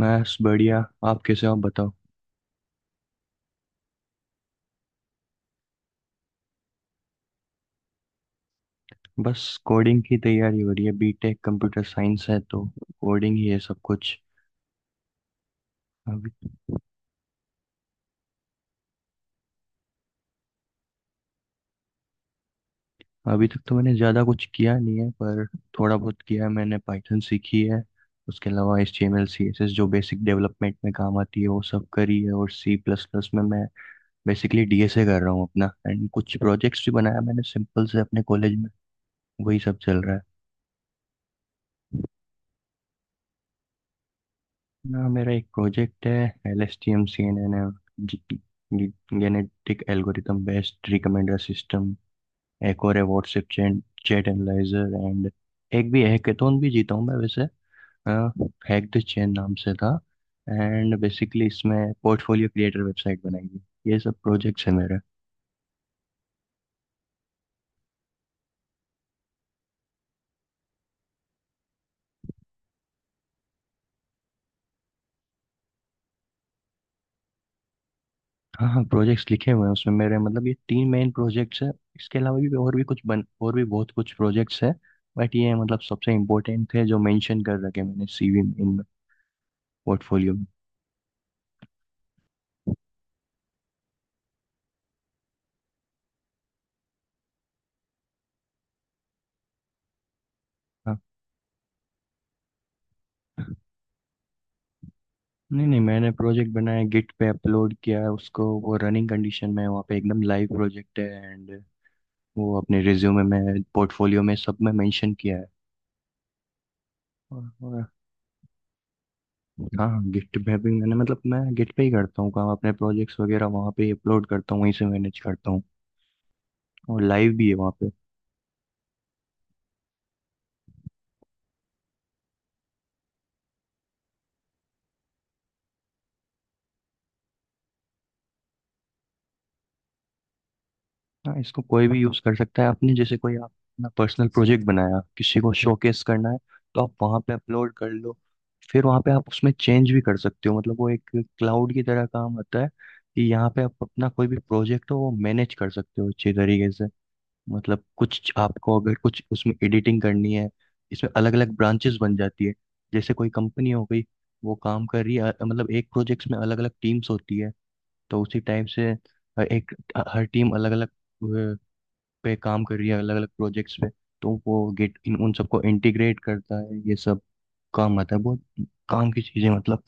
बस बढ़िया। आप कैसे हो? आप बताओ। बस कोडिंग की तैयारी हो रही है, बीटेक कंप्यूटर साइंस है तो कोडिंग ही है सब कुछ अभी। अभी तक तो मैंने ज़्यादा कुछ किया नहीं है, पर थोड़ा बहुत किया है। मैंने पाइथन सीखी है। उसके अलावा H T M L C S S जो बेसिक डेवलपमेंट में काम आती है वो सब करी है, और सी प्लस प्लस में मैं बेसिकली डी एस ए कर रहा हूँ अपना। एंड कुछ प्रोजेक्ट्स भी बनाया मैंने सिंपल से अपने कॉलेज में, वही सब चल रहा है। ना मेरा एक प्रोजेक्ट है L S T M C N N M, genetic algorithm based recommender system. एक और है WhatsApp chat chat analyser. And एक भी हैकेथॉन भी जीता हूँ मैं वैसे, हैक द चैन नाम से था। एंड बेसिकली इसमें पोर्टफोलियो क्रिएटर वेबसाइट बनाएगी। ये सब प्रोजेक्ट्स हैं मेरे। हाँ हाँ, प्रोजेक्ट्स लिखे हुए हैं उसमें मेरे, मतलब ये तीन मेन प्रोजेक्ट्स हैं। इसके अलावा भी और भी कुछ बन और भी बहुत कुछ प्रोजेक्ट्स हैं, बट ये मतलब सबसे इम्पोर्टेंट थे जो मेंशन कर रखे मैंने सीवी में, इन पोर्टफोलियो में। हाँ। नहीं नहीं, मैंने प्रोजेक्ट बनाया गिट पे अपलोड किया है उसको, वो रनिंग कंडीशन में है, वहाँ पे एकदम लाइव प्रोजेक्ट है। एंड वो अपने रिज्यूमे में, पोर्टफोलियो में सब में मेंशन किया है। और हाँ हाँ, गिट पे भी मैंने, मतलब मैं गिट पे ही करता हूँ काम। अपने प्रोजेक्ट्स वगैरह वहाँ पे ही अपलोड करता हूँ, वहीं से मैनेज करता हूँ, और लाइव भी है वहाँ पे। हाँ, इसको कोई भी यूज कर सकता है। आपने जैसे कोई, आप अपना पर्सनल प्रोजेक्ट बनाया किसी को शोकेस करना है तो आप वहां पे अपलोड कर लो। फिर वहां पे आप उसमें चेंज भी कर सकते हो, मतलब वो एक क्लाउड की तरह काम होता है कि यहाँ पे आप अपना कोई भी प्रोजेक्ट हो वो मैनेज कर सकते हो अच्छे तरीके से। मतलब कुछ आपको अगर कुछ उसमें एडिटिंग करनी है, इसमें अलग अलग ब्रांचेस बन जाती है। जैसे कोई कंपनी हो गई, वो काम कर रही है, मतलब एक प्रोजेक्ट्स में अलग अलग टीम्स होती है, तो उसी टाइप से हर एक, हर टीम अलग अलग पे काम कर रही है अलग अलग प्रोजेक्ट्स पे, तो वो गेट इन उन सबको इंटीग्रेट करता है ये सब। काम आता है बहुत, काम की चीजें मतलब।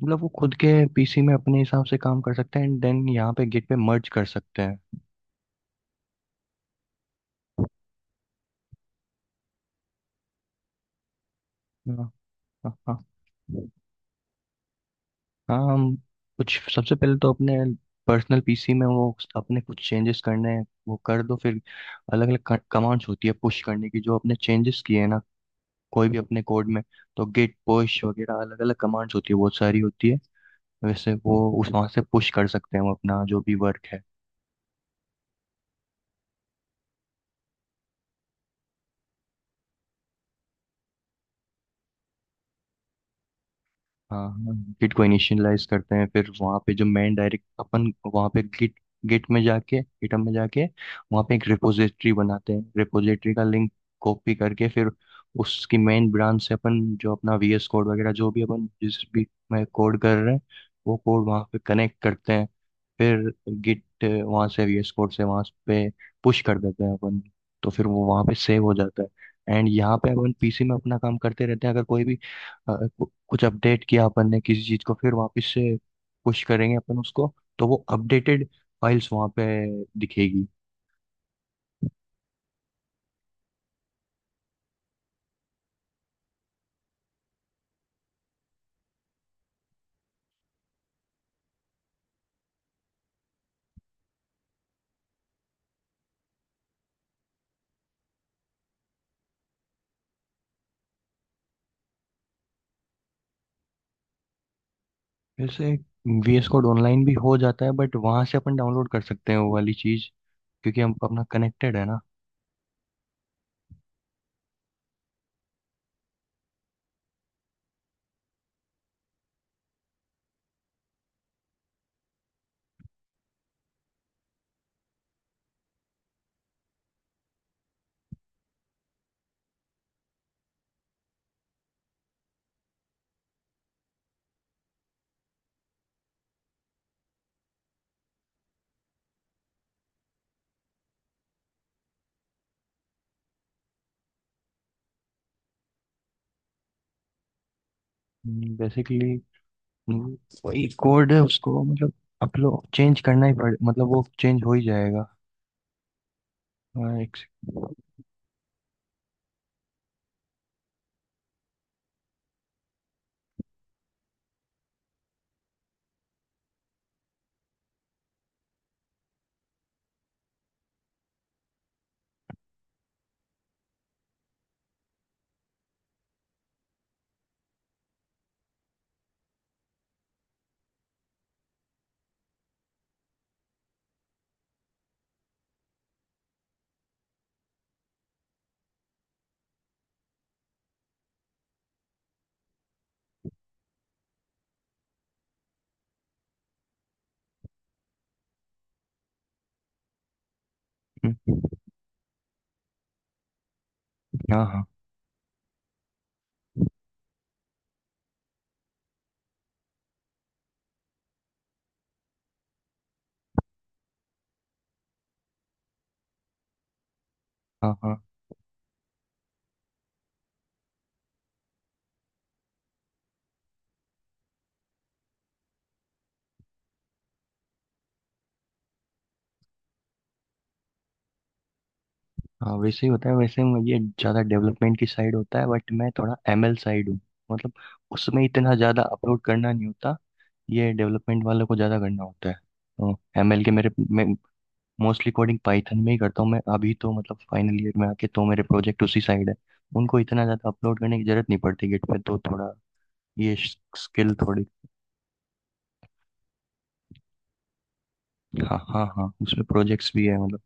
मतलब वो खुद के पीसी में अपने हिसाब से काम कर सकते हैं, एंड देन यहाँ पे गिट पे मर्ज कर सकते हैं। हाँ हाँ। हाँ हाँ, हम। कुछ सबसे पहले तो अपने पर्सनल पीसी में वो अपने कुछ चेंजेस करने हैं वो कर दो, फिर अलग अलग कमांड्स होती है पुश करने की, जो अपने चेंजेस किए हैं ना कोई भी अपने कोड में। तो गिट पुश वगैरह अलग अलग कमांड्स होती है, बहुत सारी होती है वैसे। वो उस वहाँ से पुश कर सकते हैं हम अपना जो भी वर्क है। हाँ हाँ, गिट को इनिशियलाइज करते हैं, फिर वहाँ पे जो मेन डायरेक्ट अपन वहाँ पे गिट गिट में जाके, गिटहब में जाके वहाँ पे एक रिपोजिटरी बनाते हैं, रिपोजिटरी का लिंक कॉपी करके, फिर उसकी मेन ब्रांच से अपन जो अपना वीएस कोड वगैरह जो भी अपन जिस भी में कोड कर रहे हैं वो कोड वहाँ पे कनेक्ट करते हैं। फिर गिट वहाँ से वीएस कोड से वहाँ पे पुश कर देते हैं अपन, तो फिर वो वहाँ पे सेव हो जाता है। एंड यहाँ पे अपन पीसी में अपना काम करते रहते हैं, अगर कोई भी कुछ अपडेट किया अपन ने किसी चीज को, फिर वापस से पुश करेंगे अपन उसको, तो वो अपडेटेड फाइल्स वहाँ पे दिखेगी। वैसे VS कोड ऑनलाइन भी हो जाता है, बट वहाँ से अपन डाउनलोड कर सकते हैं वो वाली चीज क्योंकि हम अपना कनेक्टेड है ना। बेसिकली वही कोड है उसको, मतलब अपलोड चेंज करना ही पड़े, मतलब वो चेंज हो ही जाएगा। हाँ, एक सेकंड। हम्म, हाँ हाँ। हाँ हाँ। हाँ, वैसे ही होता है। वैसे मैं, ये ज़्यादा डेवलपमेंट की साइड होता है बट मैं थोड़ा एमएल साइड हूँ, मतलब उसमें इतना ज़्यादा अपलोड करना नहीं होता। ये डेवलपमेंट वालों को ज़्यादा करना होता है, तो एमएल के मेरे, मैं मोस्टली कोडिंग पाइथन में ही करता हूँ। मैं अभी तो मतलब फाइनल ईयर में आके तो मेरे प्रोजेक्ट उसी साइड है, उनको इतना ज़्यादा अपलोड करने की ज़रूरत नहीं पड़ती गिट पे, तो थोड़ा ये स्किल थोड़ी। हाँ हाँ हाँ, उसमें प्रोजेक्ट्स भी है मतलब।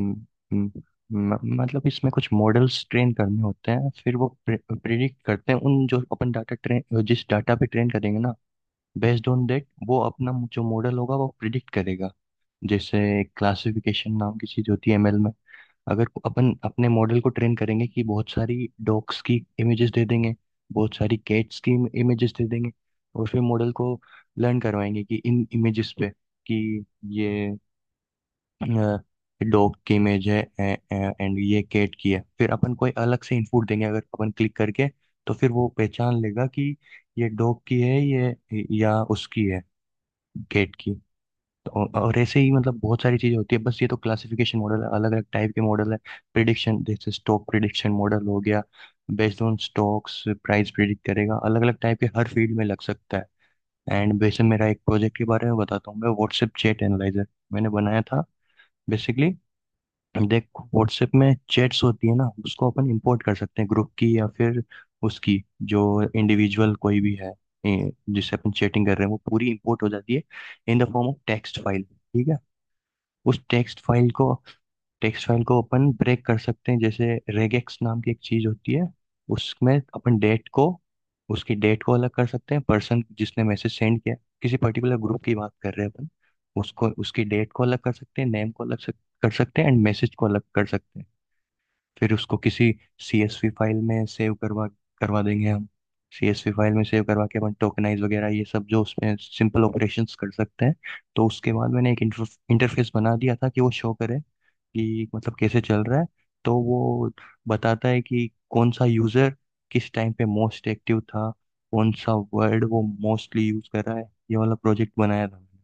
म- म- मतलब इसमें कुछ मॉडल्स ट्रेन करने होते हैं, फिर वो प्रिडिक्ट करते हैं, उन जो अपन डाटा ट्रेन जिस डाटा पे ट्रेन करेंगे ना, बेस्ड ऑन दैट वो अपना जो मॉडल होगा वो प्रिडिक्ट करेगा। जैसे क्लासिफिकेशन नाम की चीज होती है एमएल में, अगर अपन अपने मॉडल को ट्रेन करेंगे कि बहुत सारी डॉग्स की इमेजेस दे देंगे, बहुत सारी कैट्स की इमेजेस दे देंगे, और फिर मॉडल को लर्न करवाएंगे कि इन इमेजेस पे कि ये डॉग की इमेज है एंड ये कैट की है। फिर अपन कोई अलग से इनपुट देंगे अगर अपन क्लिक करके तो फिर वो पहचान लेगा कि ये डॉग की है, ये या उसकी है, कैट की। तो और ऐसे ही मतलब बहुत सारी चीजें होती है, बस ये तो क्लासिफिकेशन मॉडल है, अलग अलग टाइप के मॉडल है। प्रिडिक्शन, जैसे स्टॉक प्रिडिक्शन मॉडल हो गया, based on stocks price predict करेगा, अलग अलग टाइप के हर फील्ड में लग सकता है। एंड वैसे मेरा एक प्रोजेक्ट के बारे में बताता हूँ मैं, व्हाट्सएप चैट एनालाइजर मैंने बनाया था। बेसिकली देख, व्हाट्सएप में चैट्स होती है ना, उसको अपन इंपोर्ट कर सकते हैं, ग्रुप की या फिर उसकी जो इंडिविजुअल कोई भी है जिससे अपन चैटिंग कर रहे हैं, वो पूरी इंपोर्ट हो जाती है in the form of text file, ठीक है। उस टेक्स्ट फाइल को अपन ब्रेक कर सकते हैं। जैसे रेगेक्स नाम की एक चीज होती है, उसमें अपन डेट को, उसकी डेट को अलग कर सकते हैं, पर्सन जिसने मैसेज सेंड किया, किसी पर्टिकुलर ग्रुप की बात कर रहे हैं अपन, उसको उसकी डेट को अलग कर सकते हैं, नेम को अलग कर सकते हैं, एंड मैसेज को अलग कर सकते हैं। फिर उसको किसी सीएसवी फाइल में सेव करवा करवा देंगे हम। सीएसवी फाइल में सेव करवा के अपन टोकनाइज वगैरह ये सब जो उसमें सिंपल ऑपरेशंस कर सकते हैं। तो उसके बाद मैंने एक इंटरफेस बना दिया था कि वो शो करे कि मतलब कैसे चल रहा है, तो वो बताता है कि कौन सा यूजर किस टाइम पे मोस्ट एक्टिव था, कौन सा वर्ड वो मोस्टली यूज कर रहा है। ये वाला प्रोजेक्ट बनाया था मैंने।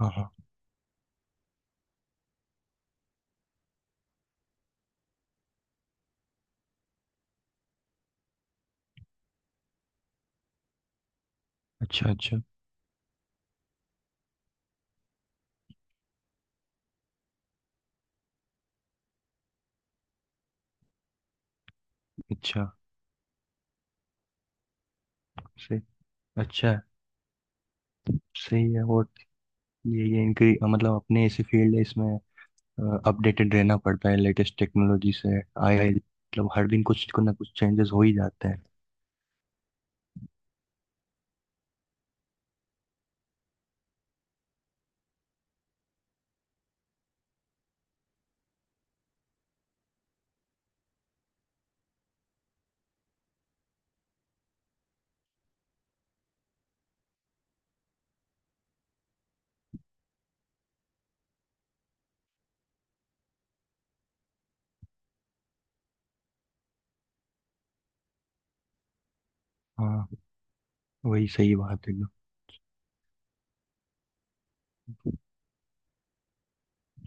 हाँ हाँ। अच्छा अच्छा। अच्छा से अच्छा है, सही है। और ये इनकी मतलब अपने ऐसे फील्ड है, इसमें अपडेटेड रहना पड़ता है लेटेस्ट टेक्नोलॉजी से, आए आए मतलब हर दिन कुछ को ना कुछ चेंजेस हो ही जाते हैं। हाँ वही सही बात है एकदम।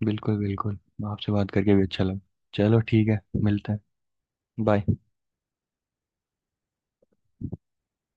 बिल्कुल बिल्कुल। आपसे बात करके भी अच्छा लगा। चलो ठीक है, मिलते हैं। बाय।